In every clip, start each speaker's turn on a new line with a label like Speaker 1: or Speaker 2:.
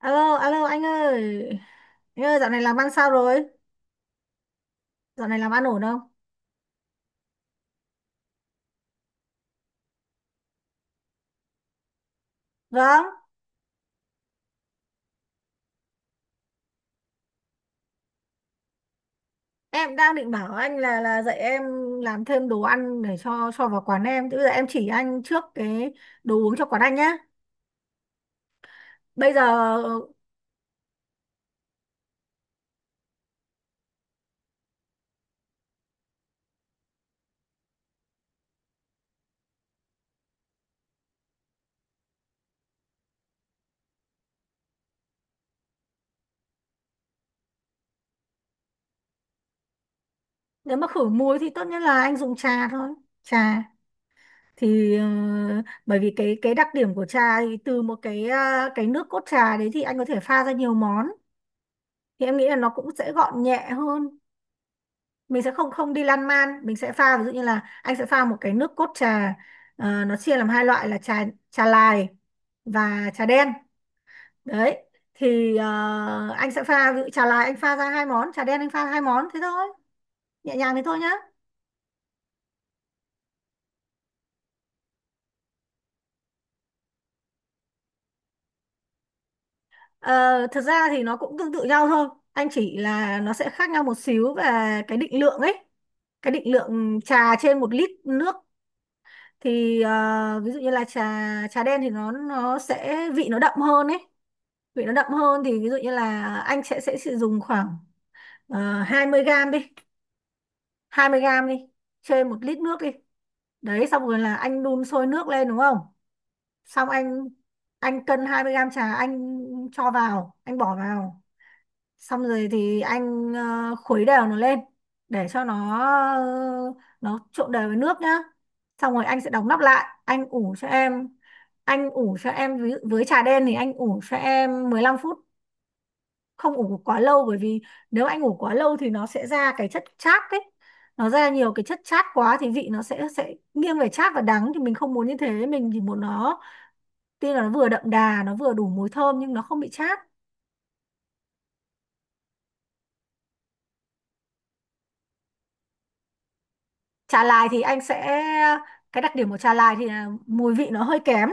Speaker 1: Alo, alo anh ơi. Anh ơi, dạo này làm ăn sao rồi? Dạo này làm ăn ổn không? Vâng, em đang định bảo anh là dạy em làm thêm đồ ăn để cho vào quán em. Thế bây giờ em chỉ anh trước cái đồ uống cho quán anh nhá. Bây giờ nếu mà khử muối thì tốt nhất là anh dùng trà thôi. Trà thì bởi vì cái đặc điểm của trà, thì từ một cái cái nước cốt trà đấy thì anh có thể pha ra nhiều món. Thì em nghĩ là nó cũng sẽ gọn nhẹ hơn, mình sẽ không không đi lan man, mình sẽ pha ví dụ như là anh sẽ pha một cái nước cốt trà. Nó chia làm hai loại là trà trà lài và trà đen đấy. Thì anh sẽ pha, ví dụ trà lài anh pha ra hai món, trà đen anh pha hai món, thế thôi, nhẹ nhàng thế thôi nhá. Ờ, thật ra thì nó cũng tương tự nhau thôi, anh chỉ là nó sẽ khác nhau một xíu về cái định lượng ấy, cái định lượng trà trên một lít nước. Thì ví dụ như là trà trà đen thì nó sẽ vị nó đậm hơn ấy, vị nó đậm hơn thì ví dụ như là anh sẽ sử dụng khoảng uh, 20 gram đi, 20 gram đi trên một lít nước đi. Đấy, xong rồi là anh đun sôi nước lên đúng không, xong anh cân 20 gram trà, anh cho vào, anh bỏ vào, xong rồi thì anh khuấy đều nó lên, để cho nó ờ, nó trộn đều với nước nhá. Xong rồi anh sẽ đóng nắp lại anh ủ cho em, ví dụ với trà đen thì anh ủ cho em 15 phút, không ủ quá lâu, bởi vì nếu anh ủ quá lâu thì nó sẽ ra cái chất chát ấy, nó ra nhiều cái chất chát quá thì vị nó sẽ nghiêng về chát và đắng, thì mình không muốn như thế, mình chỉ muốn nó tuy là nó vừa đậm đà, nó vừa đủ mùi thơm nhưng nó không bị chát. Trà lài thì anh sẽ, cái đặc điểm của trà lài thì là mùi vị nó hơi kém,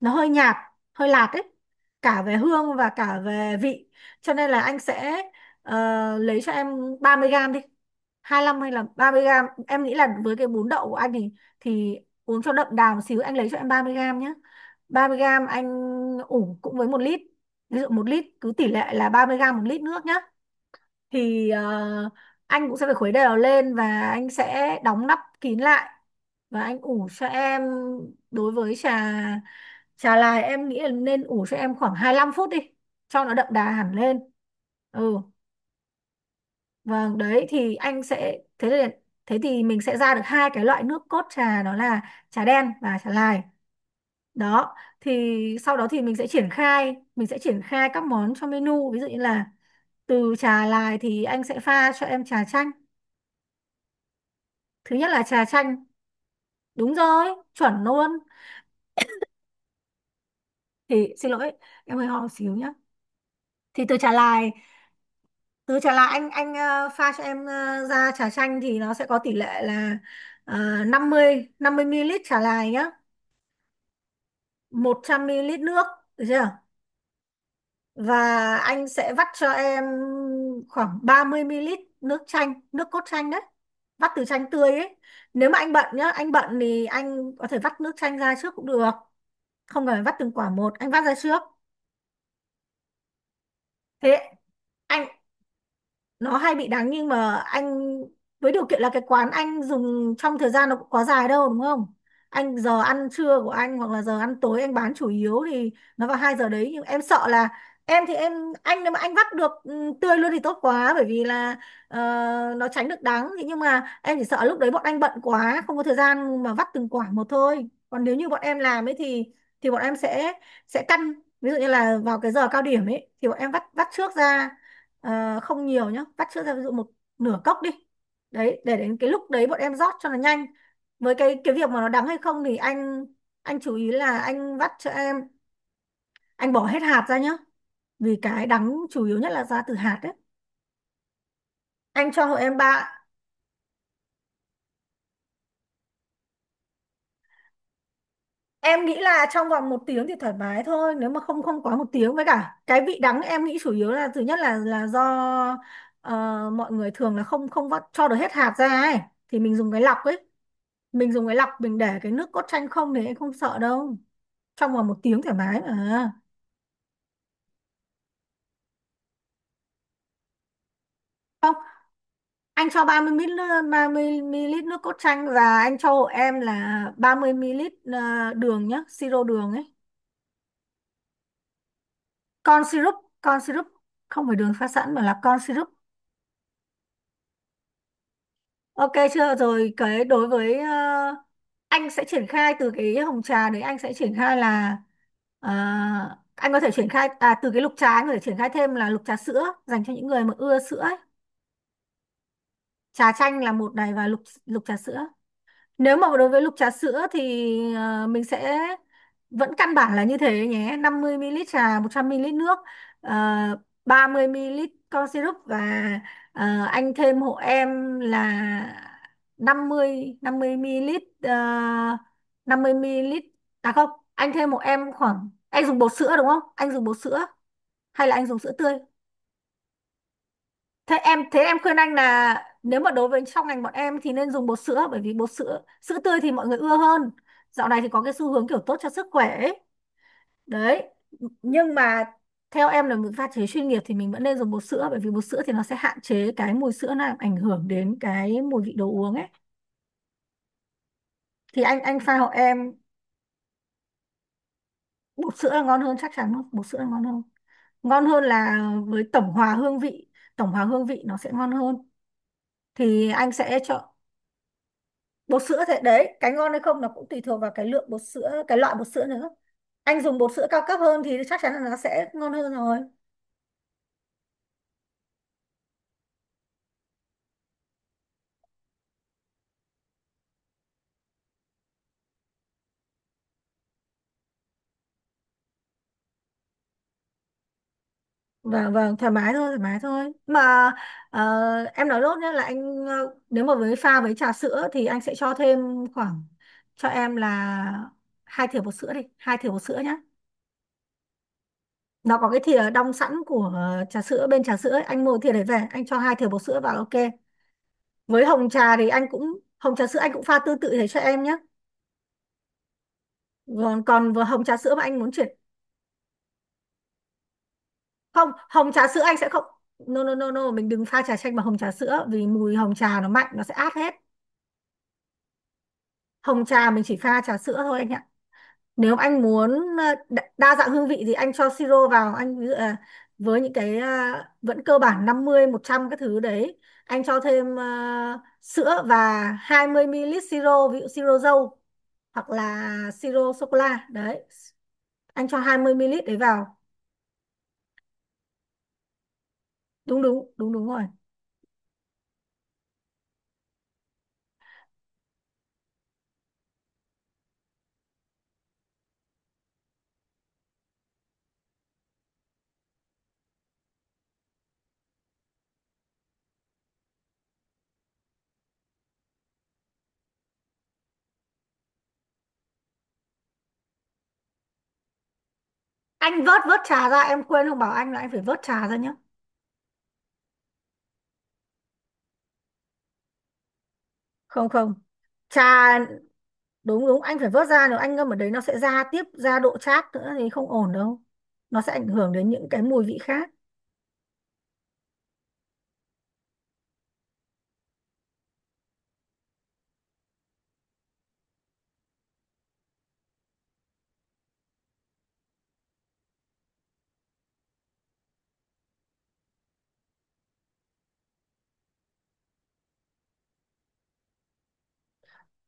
Speaker 1: nó hơi nhạt, hơi lạt ấy, cả về hương và cả về vị. Cho nên là anh sẽ ờ, lấy cho em 30 gram đi, hai lăm hay là 30 gram, em nghĩ là với cái bún đậu của anh thì uống cho đậm đà một xíu, anh lấy cho em 30 gram nhé. Ba mươi gram anh ủ cũng với một lít, ví dụ một lít, cứ tỷ lệ là 30 gram một lít nước nhé. Thì anh cũng sẽ phải khuấy đều lên và anh sẽ đóng nắp kín lại và anh ủ cho em. Đối với trà trà lại, em nghĩ là nên ủ cho em khoảng 25 phút đi cho nó đậm đà hẳn lên. Ừ, vâng, đấy thì anh sẽ thế thì, mình sẽ ra được hai cái loại nước cốt trà, đó là trà đen và trà lai đó. Thì sau đó thì mình sẽ triển khai, các món trong menu, ví dụ như là từ trà lai thì anh sẽ pha cho em trà chanh, thứ nhất là trà chanh, đúng rồi, chuẩn luôn. Thì xin lỗi, em hơi ho xíu nhá. Thì từ trà lai, anh pha cho em ra trà chanh thì nó sẽ có tỷ lệ là 50 50 ml trà lai nhá, 100 ml nước, được chưa. Và anh sẽ vắt cho em khoảng 30 ml nước chanh, nước cốt chanh đấy, vắt từ chanh tươi ấy. Nếu mà anh bận nhá, anh bận thì anh có thể vắt nước chanh ra trước cũng được, không cần phải vắt từng quả một, anh vắt ra trước. Thế anh, nó hay bị đắng, nhưng mà anh với điều kiện là cái quán anh dùng trong thời gian nó cũng quá dài đâu đúng không, anh giờ ăn trưa của anh hoặc là giờ ăn tối anh bán chủ yếu thì nó vào hai giờ đấy. Nhưng em sợ là em thì em, anh nếu mà anh vắt được tươi luôn thì tốt quá, bởi vì là ờ, nó tránh được đắng. Thế nhưng mà em chỉ sợ lúc đấy bọn anh bận quá, không có thời gian mà vắt từng quả một thôi. Còn nếu như bọn em làm ấy thì bọn em sẽ căn, ví dụ như là vào cái giờ cao điểm ấy thì bọn em vắt vắt trước ra. Ờ, không nhiều nhá, vắt sữa ra ví dụ một nửa cốc đi, đấy, để đến cái lúc đấy bọn em rót cho nó nhanh. Với cái việc mà nó đắng hay không thì anh chú ý là anh vắt cho em, anh bỏ hết hạt ra nhá, vì cái đắng chủ yếu nhất là ra từ hạt đấy. Anh cho hộ em ba. Em nghĩ là trong vòng một tiếng thì thoải mái thôi, nếu mà không không quá một tiếng. Với cả cái vị đắng em nghĩ chủ yếu là thứ nhất là do ờ, mọi người thường là không không vắt cho được hết hạt ra ấy, thì mình dùng cái lọc ấy, mình dùng cái lọc mình để cái nước cốt chanh không, thì anh không sợ đâu, trong vòng một tiếng thoải mái mà. Không, anh cho 30 ml nước cốt chanh và anh cho hộ em là 30 ml đường nhé, siro đường ấy, con syrup. con syrup Không phải đường pha sẵn mà là con syrup. Ok chưa. Rồi, cái đối với anh sẽ triển khai từ cái hồng trà đấy, anh sẽ triển khai là ờ, anh có thể triển khai, à, từ cái lục trà anh có thể triển khai thêm là lục trà sữa dành cho những người mà ưa sữa ấy. Trà chanh là một này, và lục lục trà sữa. Nếu mà đối với lục trà sữa thì mình sẽ vẫn căn bản là như thế nhé, 50 ml trà, 100 ml nước, uh, 30 ml con syrup. Và anh thêm hộ em là 50 50 ml, uh, 50 ml, à không, anh thêm hộ em khoảng, anh dùng bột sữa đúng không, anh dùng bột sữa hay là anh dùng sữa tươi. Thế em khuyên anh là nếu mà đối với trong ngành bọn em thì nên dùng bột sữa, bởi vì bột sữa sữa tươi thì mọi người ưa hơn, dạo này thì có cái xu hướng kiểu tốt cho sức khỏe ấy. Đấy, nhưng mà theo em là mình pha chế chuyên nghiệp thì mình vẫn nên dùng bột sữa, bởi vì bột sữa thì nó sẽ hạn chế cái mùi sữa làm ảnh hưởng đến cái mùi vị đồ uống ấy. Thì anh pha hộ em, bột sữa là ngon hơn, chắc chắn luôn, bột sữa là ngon hơn. Ngon hơn là với tổng hòa hương vị, nó sẽ ngon hơn, thì anh sẽ chọn bột sữa. Thế đấy, cái ngon hay không nó cũng tùy thuộc vào cái lượng bột sữa, cái loại bột sữa nữa, anh dùng bột sữa cao cấp hơn thì chắc chắn là nó sẽ ngon hơn rồi. Vâng, và thoải mái thôi, mà. Ờ, em nói lốt nhé, là anh nếu mà với pha với trà sữa thì anh sẽ cho thêm khoảng, cho em là hai thìa bột sữa đi, hai thìa bột sữa nhé. Nó có cái thìa đong sẵn của trà sữa, bên trà sữa ấy, anh mua thìa đấy về, anh cho hai thìa bột sữa vào, ok. Với hồng trà thì anh cũng, hồng trà sữa anh cũng pha tương tự thế cho em nhé. Còn còn vừa hồng trà sữa mà anh muốn chuyển, không, hồng trà sữa anh sẽ không, no no no no, mình đừng pha trà chanh bằng hồng trà sữa, vì mùi hồng trà nó mạnh, nó sẽ át hết. Hồng trà mình chỉ pha trà sữa thôi anh ạ. Nếu anh muốn đa dạng hương vị thì anh cho siro vào, anh ví dụ là với những cái vẫn cơ bản 50 100 cái thứ đấy, anh cho thêm sữa và 20 ml siro, ví dụ siro dâu hoặc là siro sô cô la đấy. Anh cho 20 ml đấy vào. Đúng đúng, đúng đúng rồi. Anh vớt vớt trà ra, em quên không bảo anh là anh phải vớt trà ra nhá. Không không, trà, đúng đúng, anh phải vớt ra, nếu anh ngâm ở đấy nó sẽ ra tiếp, ra độ chát nữa thì không ổn đâu, nó sẽ ảnh hưởng đến những cái mùi vị khác.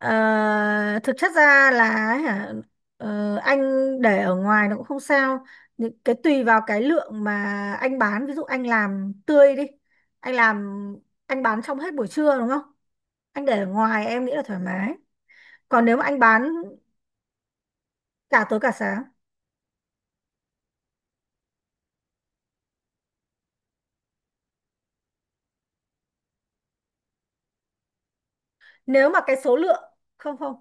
Speaker 1: Ờ, thực chất ra là, hả, anh để ở ngoài nó cũng không sao, những cái tùy vào cái lượng mà anh bán, ví dụ anh làm tươi đi, anh làm anh bán trong hết buổi trưa đúng không, anh để ở ngoài em nghĩ là thoải mái. Còn nếu mà anh bán cả tối cả sáng, nếu mà cái số lượng, không không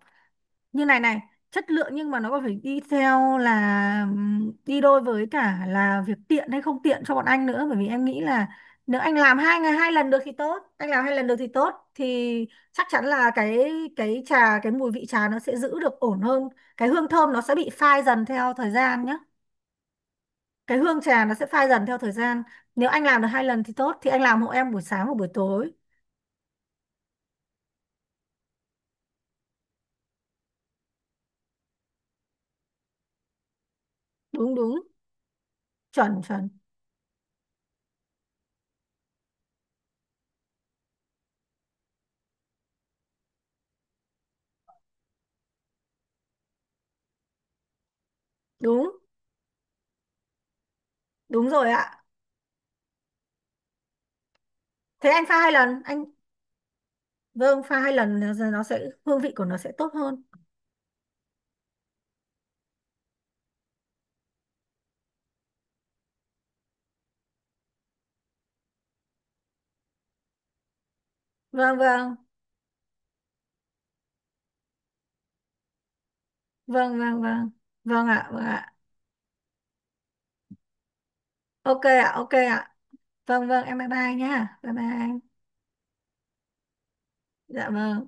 Speaker 1: như này này, chất lượng, nhưng mà nó còn phải đi theo là, đi đôi với cả là việc tiện hay không tiện cho bọn anh nữa, bởi vì em nghĩ là nếu anh làm hai ngày hai lần được thì tốt, anh làm hai lần được thì tốt, thì chắc chắn là cái trà, cái mùi vị trà nó sẽ giữ được ổn hơn. Cái hương thơm nó sẽ bị phai dần theo thời gian nhé, cái hương trà nó sẽ phai dần theo thời gian. Nếu anh làm được hai lần thì tốt, thì anh làm hộ em buổi sáng và buổi tối. Đúng đúng, chuẩn chuẩn, đúng đúng rồi ạ. Thế anh pha hai lần anh, vâng, pha hai lần nó sẽ, hương vị của nó sẽ tốt hơn. Vâng vâng vâng, vâng vâng, vâng ạ, vâng ạ, ok ạ, ok ạ. Vâng vâng, em bye bye nhá, bye bye anh. Dạ vâng.